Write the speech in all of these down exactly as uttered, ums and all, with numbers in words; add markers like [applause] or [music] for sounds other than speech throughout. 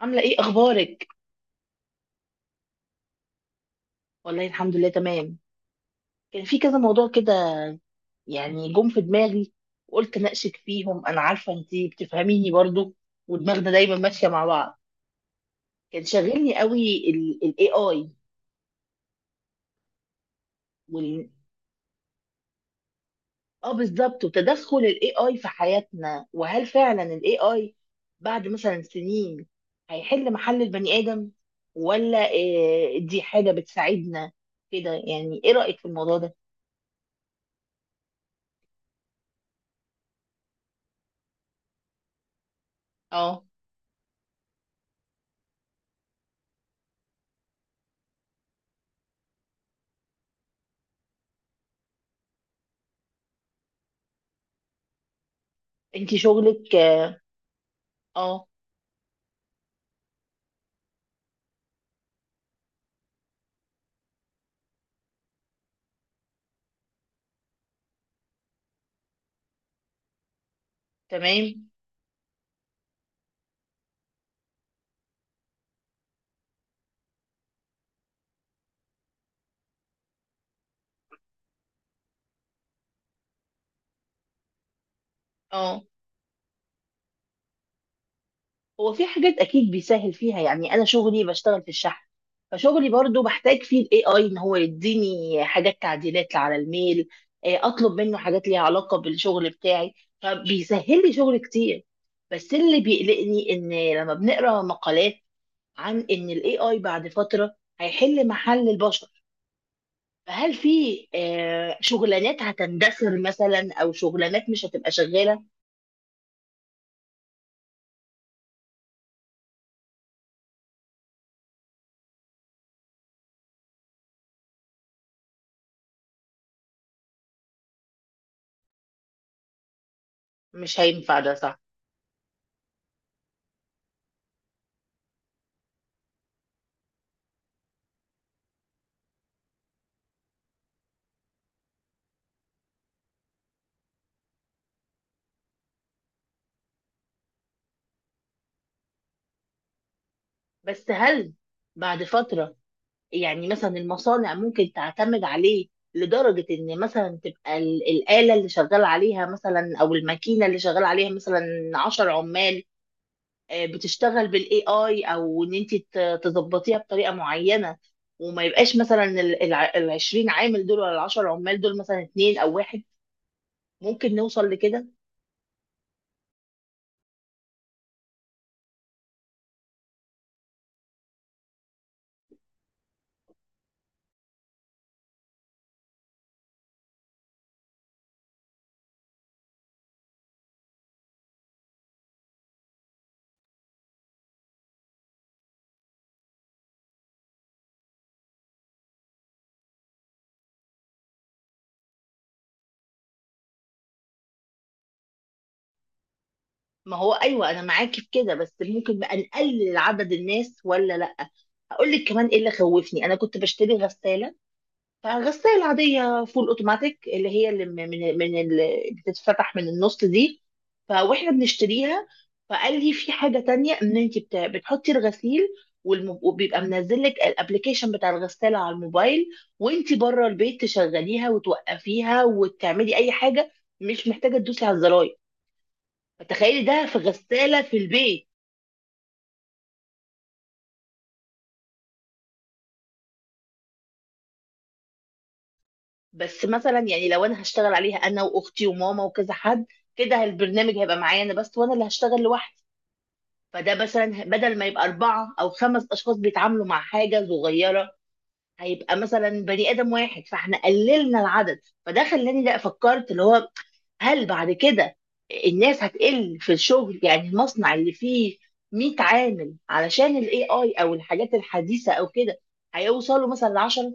عاملة ايه اخبارك؟ والله الحمد لله تمام. كان في كذا موضوع كده، يعني جم في دماغي وقلت اناقشك فيهم. انا عارفة انتي بتفهميني برضو، ودماغنا دايما ماشية مع بعض. كان شاغلني قوي. الاي اي. وال اه بالظبط، وتدخل الاي اي في حياتنا، وهل فعلا الاي اي بعد مثلا سنين هيحل محل البني ادم ولا إيه؟ دي حاجة بتساعدنا كده؟ يعني ايه رأيك في الموضوع ده؟ اه. انتي شغلك؟ اه. آه. تمام. اه. هو في حاجات اكيد بيسهل فيها، يعني انا شغلي بشتغل في الشحن، فشغلي برضو بحتاج فيه الاي اي ان هو يديني حاجات تعديلات على الميل. آه، اطلب منه حاجات ليها علاقه بالشغل بتاعي، فبيسهل لي شغل كتير. بس اللي بيقلقني ان لما بنقرا مقالات عن ان الاي اي بعد فتره هيحل محل البشر، فهل في آه، شغلانات هتندثر مثلا، او شغلانات مش هتبقى شغاله؟ مش هينفع ده، صح؟ بس هل بعد فترة، يعني مثلا المصانع ممكن تعتمد عليه لدرجة إن مثلا تبقى ال- الآلة اللي شغال عليها مثلا، أو الماكينة اللي شغال عليها مثلا عشر عمال، آه، بتشتغل بالاي اي، او ان انت ت- تظبطيها بطريقه معينه، وما يبقاش مثلا ال الع- العشرين عامل دول، ولا العشر عمال دول مثلا اتنين او واحد. ممكن نوصل لكده؟ ما هو ايوه، انا معاكي في كده، بس ممكن بقى نقلل عدد الناس ولا لا؟ اقول لك كمان ايه اللي خوفني. انا كنت بشتري غسالة، غسالة عادية فول اوتوماتيك، اللي هي اللي من من من اللي بتتفتح من النص دي. فواحنا بنشتريها، فقال لي في حاجة تانية ان انت بت- بتحطي الغسيل، والم- وبيبقى منزل لك الابلكيشن بتاع الغسالة على الموبايل، وانت بره البيت تشغليها وتوقفيها وتعملي اي حاجة، مش محتاجة تدوسي على الزراير. فتخيلي ده في غسالة في البيت. بس مثلا يعني لو انا هشتغل عليها انا واختي وماما وكذا حد، كده البرنامج هيبقى معايا انا بس، وانا اللي هشتغل لوحدي. فده مثلا بدل ما يبقى أربعة أو خمس أشخاص بيتعاملوا مع حاجة صغيرة، هيبقى مثلا بني آدم واحد، فاحنا قللنا العدد. فده خلاني، لا فكرت اللي هو، هل بعد كده الناس هتقل في الشغل؟ يعني المصنع اللي فيه مية عامل، علشان الاي اي او الحاجات الحديثة او كده، هيوصلوا مثلا ل عشرة.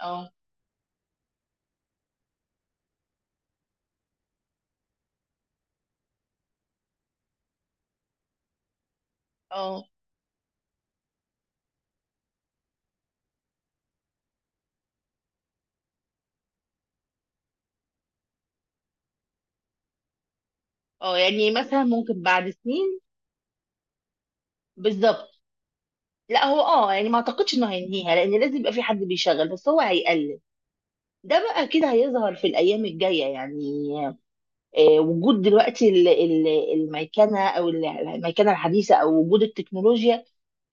اه. اه. اه، يعني مثلا ممكن بعد سنين. بالظبط. لا، هو اه يعني ما اعتقدش انه هينهيها، لان لازم يبقى في حد بيشغل، بس هو هيقلل. ده بقى كده هيظهر في الأيام الجاية يعني. آه، وجود دلوقتي ال- ال- الميكنة، أو ال- الميكنة الحديثة، أو وجود التكنولوجيا،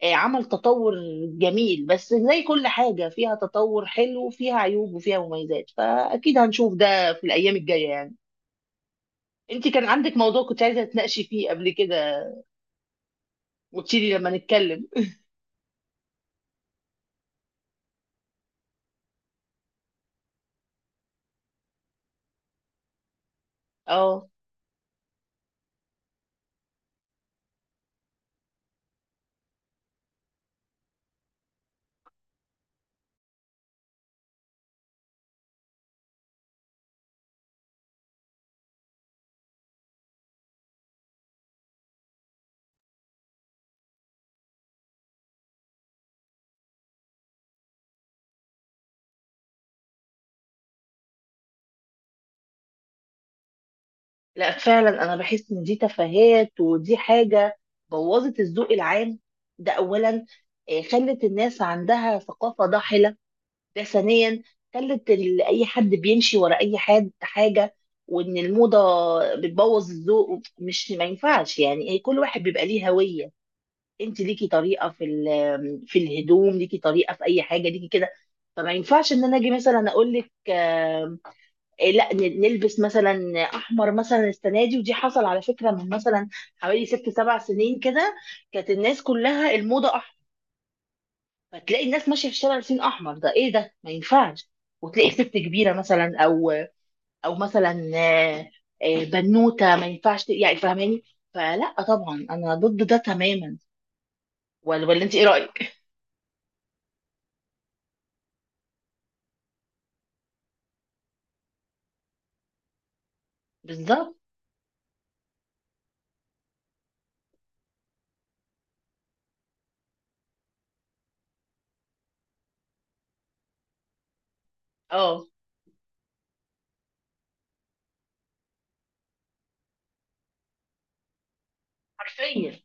آه، عمل تطور جميل. بس زي كل حاجة فيها تطور، حلو وفيها عيوب وفيها مميزات، فأكيد هنشوف ده في الأيام الجاية يعني. أنت كان عندك موضوع كنت عايزة تناقشي فيه قبل كده، وتشيلي لما نتكلم. اه. لا، فعلا انا بحس ان دي تفاهات، ودي حاجه بوظت الذوق العام، ده اولا. آه، خلت الناس عندها ثقافه ضاحله، ده ثانيا. خلت ال- اي حد بيمشي ورا اي حد حاجه، وان الموضه بتبوظ الذوق، مش ما ينفعش. يعني إيه، كل واحد بيبقى ليه هويه، انت ليكي طريقه في ال- في الهدوم، ليكي طريقه في اي حاجه ليكي كده. فما ينفعش ان انا اجي مثلا اقول لك آه، إيه، لا ن- نلبس مثلا احمر مثلا السنه دي، ودي حصل على فكره من مثلا حوالي ست سبع سنين كده، كانت الناس كلها الموضه احمر. فتلاقي الناس ماشيه في الشارع لابسين احمر، ده ايه ده؟ ما ينفعش. وتلاقي ست كبيره مثلا، او او مثلا، آه، آه، بنوته، ما ينفعش ت- يعني فاهماني؟ فلا طبعا انا ضد ده تماما. ولا ولا انت ايه رايك؟ بالظبط. اه. حرفيا.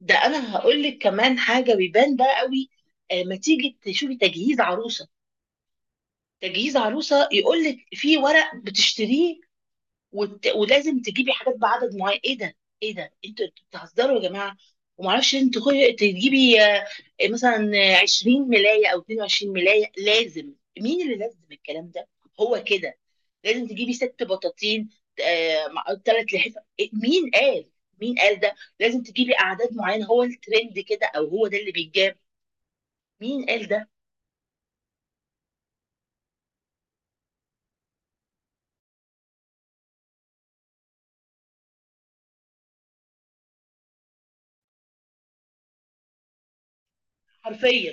ده انا هقول لك كمان حاجه بيبان بقى قوي. آه، ما تيجي تشوفي تجهيز عروسه، تجهيز عروسه يقول لك في ورق بتشتريه، وت... ولازم تجيبي حاجات بعدد معين، ايه ده؟ ايه ده؟ انتوا انتوا بتهزروا يا جماعه! وما اعرفش انت خل- تجيبي آه، مثلا آه، عشرين ملايه او اتنين وعشرين ملايه، لازم؟ مين اللي لازم الكلام ده؟ هو كده لازم تجيبي ست بطاطين، ثلاث لحفة، إيه، مين قال؟ مين قال ده؟ لازم تجيبي اعداد معينه، هو الترند كده، او هو ده اللي بيتجاب؟ مين قال ده؟ حرفيا.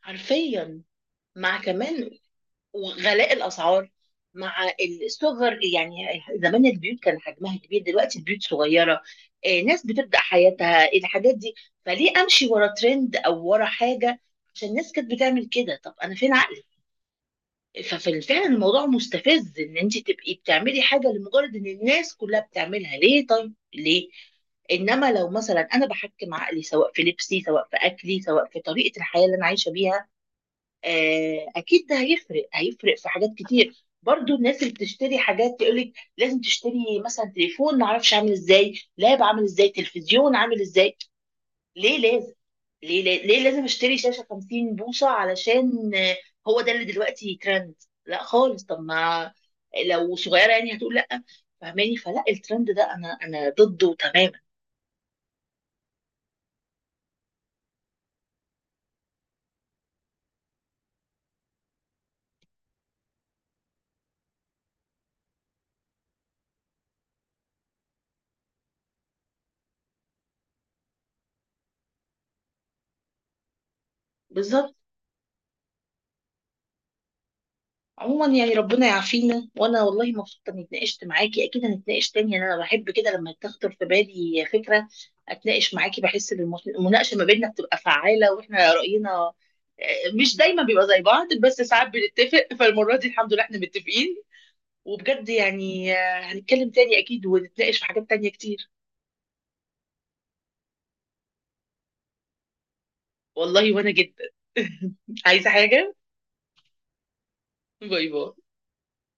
حرفيا. مع كمان وغلاء الاسعار، مع الصغر. يعني زمان البيوت كان حجمها كبير، دلوقتي البيوت صغيره. آه، ناس بتبدا حياتها الحاجات دي. فليه امشي ورا ترند او ورا حاجه عشان الناس كانت بتعمل كده؟ طب انا فين عقلي؟ ففعلا الموضوع مستفز ان انت تبقي بتعملي حاجه لمجرد ان الناس كلها بتعملها. ليه؟ طيب ليه؟ انما لو مثلا انا بحكم عقلي، سواء في لبسي، سواء في اكلي، سواء في طريقه الحياه اللي انا عايشه بيها، آه، اكيد ده هيفرق. هيفرق في حاجات كتير. برضو الناس اللي بتشتري حاجات تقولك لازم تشتري مثلا تليفون معرفش عامل ازاي، لاب عامل ازاي، تلفزيون عامل ازاي. ليه لازم؟ ليه، ليه, ليه لازم اشتري شاشة خمسين بوصة علشان آه، هو ده اللي دلوقتي ترند؟ لا خالص. طب ما لو صغيرة يعني هتقول لا. فاهماني؟ فلا، الترند ده انا انا ضده تماما. بالظبط. عموما يعني ربنا يعافينا. وانا والله مبسوطه اني اتناقشت معاكي، اكيد هنتناقش تاني يعني. انا بحب كده لما تخطر في بالي فكره اتناقش معاكي، بحس ان المس- المناقشه ما بيننا بتبقى فعاله، واحنا راينا آه، مش دايما بيبقى زي بعض، بس ساعات بنتفق. [laughs] فالمره دي الحمد لله احنا متفقين. وبجد يعني آه، هنتكلم تاني اكيد، ونتناقش في حاجات تانية كتير. والله، وانا جدا. [laughs] عايزه حاجه؟ باي باي.